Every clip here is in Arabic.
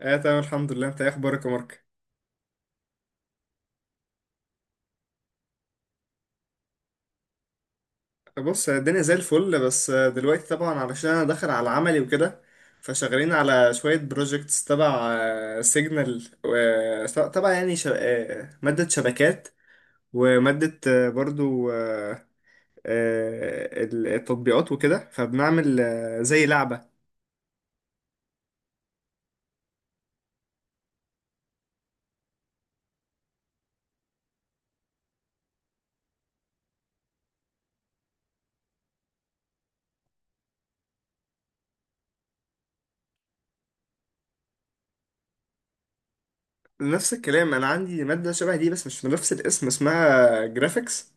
اه تمام، الحمد لله. انت ايه اخبارك يا مارك؟ بص، الدنيا زي الفل، بس دلوقتي طبعا علشان انا داخل على عملي وكده، فشغالين على شوية بروجكتس تبع سيجنال، تبع يعني ش... آه، مادة شبكات، ومادة آه، برضو آه، آه، التطبيقات وكده، فبنعمل زي لعبة. نفس الكلام، انا عندي مادة شبه دي بس مش بنفس الاسم، اسمها جرافيكس.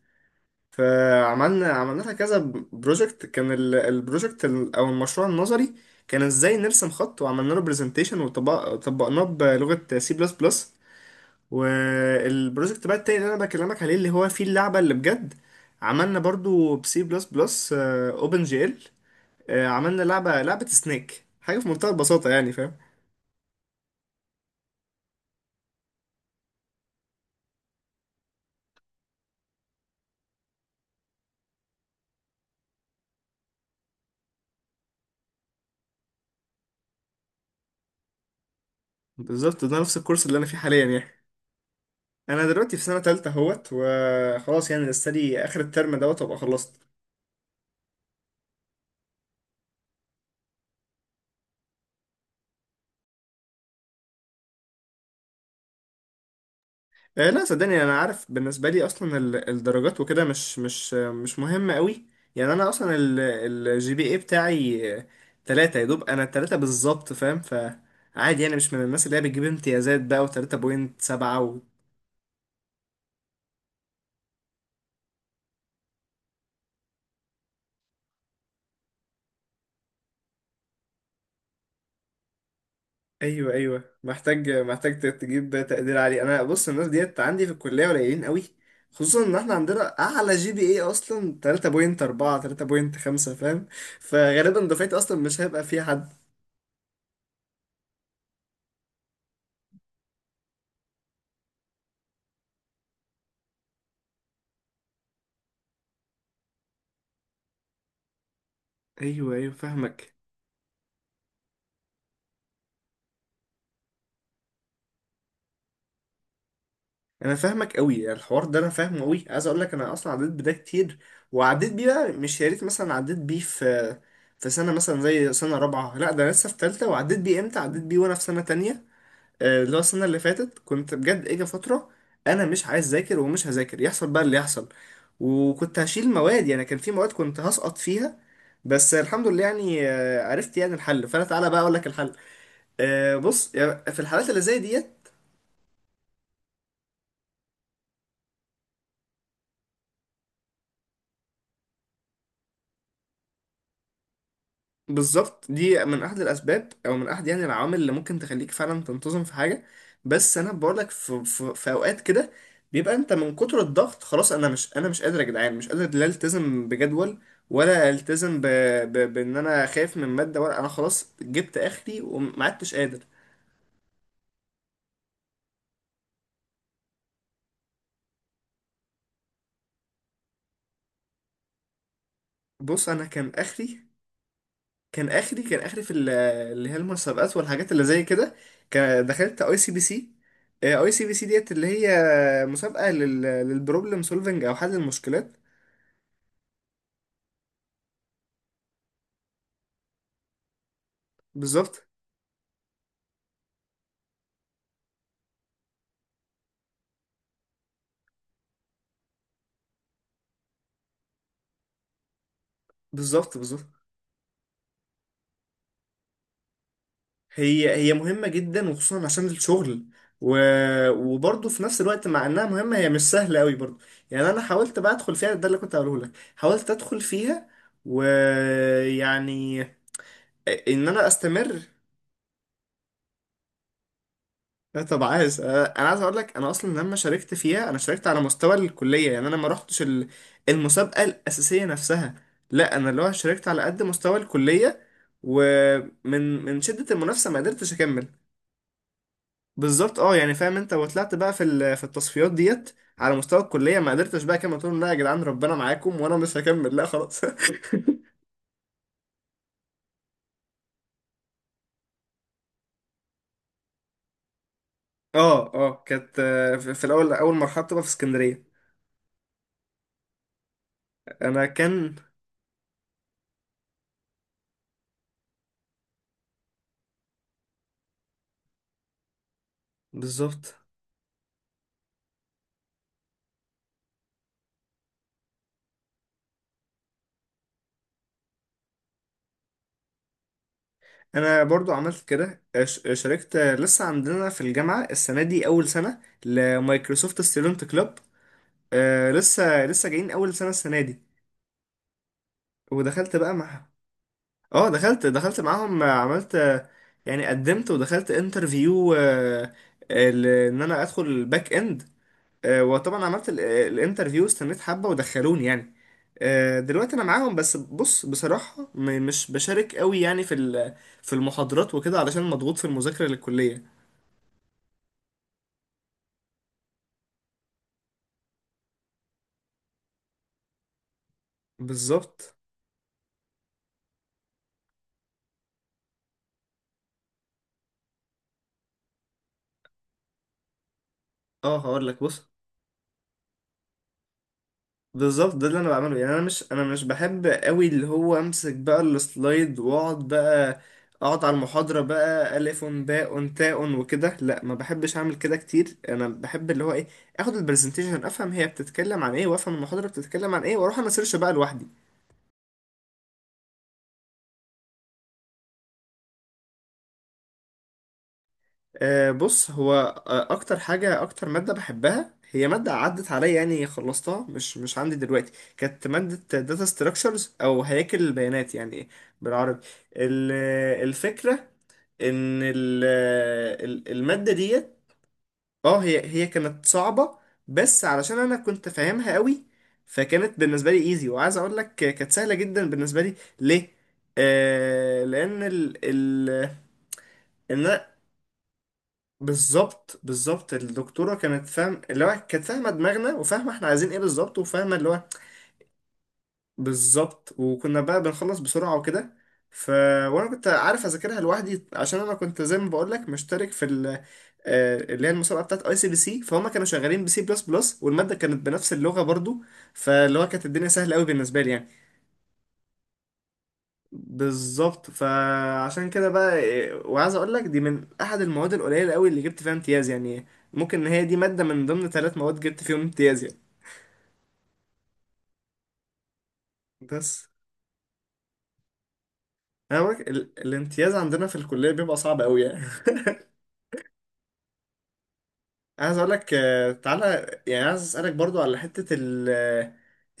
فعملنا كذا بروجكت. كان البروجكت او المشروع النظري كان ازاي نرسم خط، وعملنا له برزنتيشن وطبقناه بلغة سي بلس بلس. والبروجكت بقى التاني اللي انا بكلمك عليه اللي هو فيه اللعبة اللي بجد، عملنا برضو بسي بلس بلس اوبن جي ال. عملنا لعبة، لعبة سنيك، حاجة في منتهى البساطة يعني، فاهم؟ بالظبط، ده نفس الكورس اللي انا فيه حاليا يعني. انا دلوقتي في سنة تالتة اهوت وخلاص يعني، لسه لي اخر الترم دوت وابقى خلصت. لا صدقني، انا عارف بالنسبه لي اصلا الدرجات وكده مش مهمه قوي. يعني انا اصلا الجي بي اي بتاعي ثلاثة يا دوب، انا ثلاثة بالظبط، فاهم؟ فعادي يعني، مش من الناس اللي هي بتجيب امتيازات بقى وثلاثة بوينت سبعة و... ايوه ايوه، محتاج تجيب تقدير عالي. انا بص، الناس ديت عندي في الكليه قليلين قوي، خصوصا ان احنا عندنا اعلى جي بي اي اصلا 3.4 3.5، فاهم؟ فغالبا دفعتي اصلا مش هيبقى فيها حد. ايوه ايوه، فاهمك. انا فاهمك قوي، يعني الحوار ده انا فاهمه قوي. عايز اقول لك انا اصلا عديت بده كتير، وعديت بيه بقى مش يا ريت مثلا عديت بيه في سنه مثلا زي سنه رابعه، لا ده أنا لسه في ثالثه، وعديت بيه امتى؟ عديت بيه وانا في سنه تانية. اللي هو السنه اللي فاتت كنت بجد اجى فتره انا مش عايز اذاكر ومش هذاكر، يحصل بقى اللي يحصل. وكنت هشيل مواد، يعني كان في مواد كنت هسقط فيها. بس الحمد لله يعني، عرفت يعني الحل. فانا تعالى بقى اقول لك الحل. بص يعني في الحالات اللي زي ديت، بالظبط دي من احد الاسباب او من احد يعني العوامل اللي ممكن تخليك فعلا تنتظم في حاجه. بس انا بقول لك في اوقات كده بيبقى انت من كتر الضغط، خلاص انا مش، انا مش قادر يا جدعان، مش قادر لا التزم بجدول ولا التزم بان انا خايف من ماده، ولا انا خلاص جبت اخري وما عدتش قادر. بص انا كان اخري كان اخري في اللي هي المسابقات والحاجات اللي زي كده، كان دخلت اي سي بي سي. اي سي بي سي ديت اللي هي مسابقه للبروبلم سولفنج او حل المشكلات. بالظبط بالظبط بالظبط، هي مهمه جدا، وخصوصا عشان الشغل. و... وبرضه في نفس الوقت مع انها مهمه هي مش سهله قوي برضه. يعني انا حاولت بقى ادخل فيها، ده اللي كنت هقوله لك، حاولت ادخل فيها ويعني ان انا استمر. لا طب عايز، انا عايز اقول لك، انا اصلا لما شاركت فيها انا شاركت على مستوى الكليه، يعني انا ما رحتش المسابقه الاساسيه نفسها، لا انا اللي هو شاركت على قد مستوى الكليه. ومن شده المنافسه ما قدرتش اكمل. بالظبط، اه يعني فاهم انت، وطلعت بقى في في التصفيات ديت على مستوى الكليه، ما قدرتش بقى اكمل، قلت لهم لا يا جدعان ربنا معاكم وانا مش هكمل، لا خلاص. اه اه، كانت في في الاول اول مرحله بتبقى في اسكندريه. انا كان بالظبط. انا برضو عملت كده، شاركت. لسه عندنا في الجامعه السنه دي اول سنه لمايكروسوفت ستودنت كلوب. آه لسه، لسه جايين اول سنه السنه دي. ودخلت بقى مع، اه دخلت، دخلت معاهم. عملت، يعني قدمت ودخلت انترفيو ان انا ادخل الباك اند. وطبعا عملت الانترفيو، استنيت حبه ودخلوني يعني. دلوقتي انا معاهم، بس بص بصراحه مش بشارك قوي يعني في في المحاضرات وكده، علشان مضغوط في المذاكره للكليه. بالظبط. اه هقول لك بص، بالظبط ده اللي انا بعمله يعني. انا مش، انا مش بحب قوي اللي هو امسك بقى السلايد واقعد بقى اقعد على المحاضرة بقى الف باء تاء وكده، لا ما بحبش اعمل كده كتير. انا بحب اللي هو ايه، اخد البرزنتيشن افهم هي بتتكلم عن ايه، وافهم المحاضرة بتتكلم عن ايه، واروح انا سيرش بقى لوحدي. بص هو، اكتر حاجه، اكتر ماده بحبها هي ماده عدت عليا يعني، خلصتها، مش مش عندي دلوقتي، كانت ماده داتا ستراكشرز او هياكل البيانات يعني بالعربي. الفكره ان الماده ديت، اه هي كانت صعبه، بس علشان انا كنت فاهمها قوي فكانت بالنسبه لي ايزي. وعايز اقول لك كانت سهله جدا بالنسبه لي ليه؟ آه لان ال ال بالظبط، بالظبط الدكتوره كانت فاهم اللي هو، كانت فاهمه دماغنا وفاهمه احنا عايزين ايه بالظبط، وفاهمه اللي هو بالظبط. وكنا بقى بنخلص بسرعه وكده. ف، وانا كنت عارف اذاكرها لوحدي عشان انا كنت زي ما بقول لك مشترك في ال... آه، اللي هي المسابقه بتاعت اي سي بي سي، فهم كانوا شغالين بسي بلس بلس والماده كانت بنفس اللغه برضو، فاللي هو كانت الدنيا سهله قوي بالنسبه لي يعني. بالظبط، فعشان كده بقى وعايز اقول لك دي من احد المواد القليله قوي اللي جبت فيها امتياز يعني. ممكن ان هي دي ماده من ضمن ثلاث مواد جبت فيهم امتياز يعني. بس انا بقولك الامتياز عندنا في الكليه بيبقى صعب قوي يعني. عايز اقول لك تعالى. يعني عايز اسالك برضو على حته ال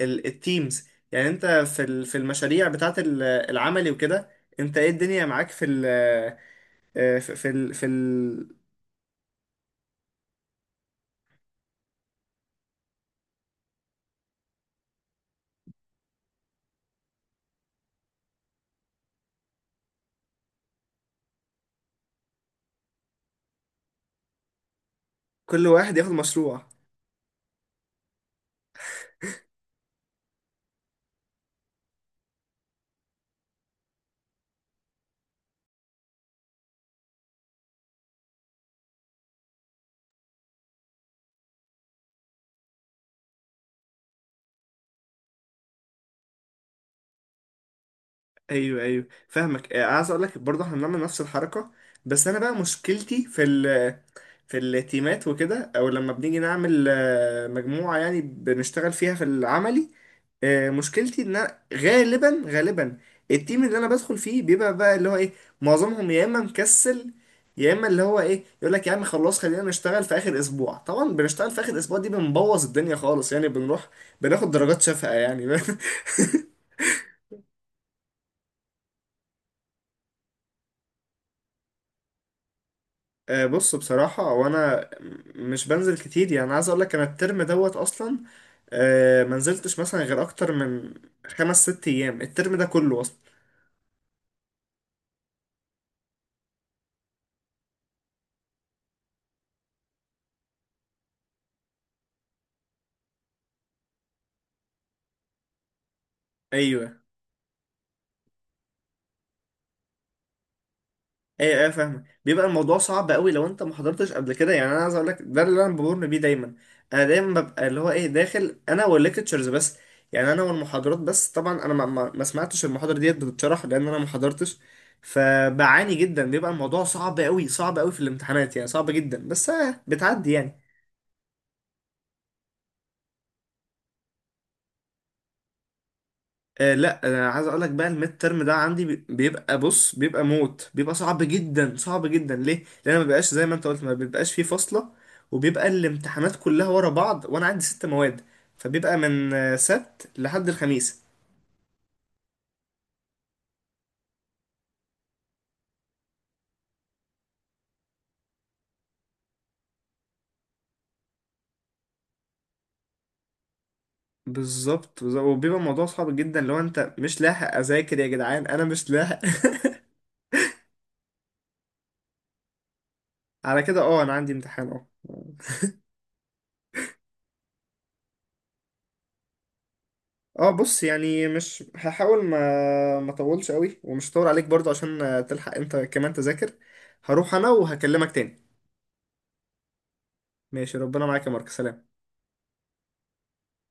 ال- التيمز. يعني انت في في المشاريع بتاعت العملي وكده، انت ايه الدنيا معاك في ال آه، في في ال في ال كل واحد ياخد مشروع؟ ايوه ايوه فاهمك. عايز اقول لك برضه احنا بنعمل نفس الحركه. بس انا بقى مشكلتي في في التيمات وكده، او لما بنيجي نعمل مجموعه يعني بنشتغل فيها في العملي. مشكلتي ان أنا غالبا التيم اللي انا بدخل فيه بيبقى بقى اللي هو ايه، معظمهم يا اما مكسل، يا اما اللي هو ايه يقول لك يا عم خلاص خلينا نشتغل في اخر اسبوع. طبعا بنشتغل في اخر اسبوع دي بنبوظ الدنيا خالص يعني، بنروح بناخد درجات شفقة يعني. بص بصراحة، وانا مش بنزل كتير يعني. عايز اقول لك انا الترم دوت اصلا، ما نزلتش مثلا غير اكتر من خمس ست ايام الترم ده كله اصلا. ايوه، ايه فاهمك. بيبقى الموضوع صعب قوي لو انت ما حضرتش قبل كده يعني. انا عايز اقول لك ده اللي انا بمر بيه دايما. انا دايما ببقى اللي هو ايه، داخل انا والليكتشرز بس، يعني انا والمحاضرات بس. طبعا انا ما سمعتش المحاضره ديت بتتشرح لان انا ما حضرتش، فبعاني جدا. بيبقى الموضوع صعب قوي، صعب قوي في الامتحانات يعني، صعب جدا، بس آه بتعدي يعني. آه لا انا عايز اقول لك بقى الميد ترم ده عندي بي- بيبقى بص، بيبقى موت، بيبقى صعب جدا صعب جدا. ليه؟ لان أنا ما بيبقاش زي ما انت قلت، ما بيبقاش فيه فاصله، وبيبقى الامتحانات كلها ورا بعض، وانا عندي ست مواد. فبيبقى من سبت لحد الخميس. بالظبط، بالظبط. وبيبقى الموضوع صعب جدا لو انت مش لاحق اذاكر. يا جدعان انا مش لاحق. على كده اه، انا عندي امتحان. اه اه. بص يعني مش هحاول، ما ما اطولش قوي ومش هطول عليك برضه عشان تلحق انت كمان تذاكر. هروح انا وهكلمك تاني. ماشي، ربنا معاك يا مارك، سلام.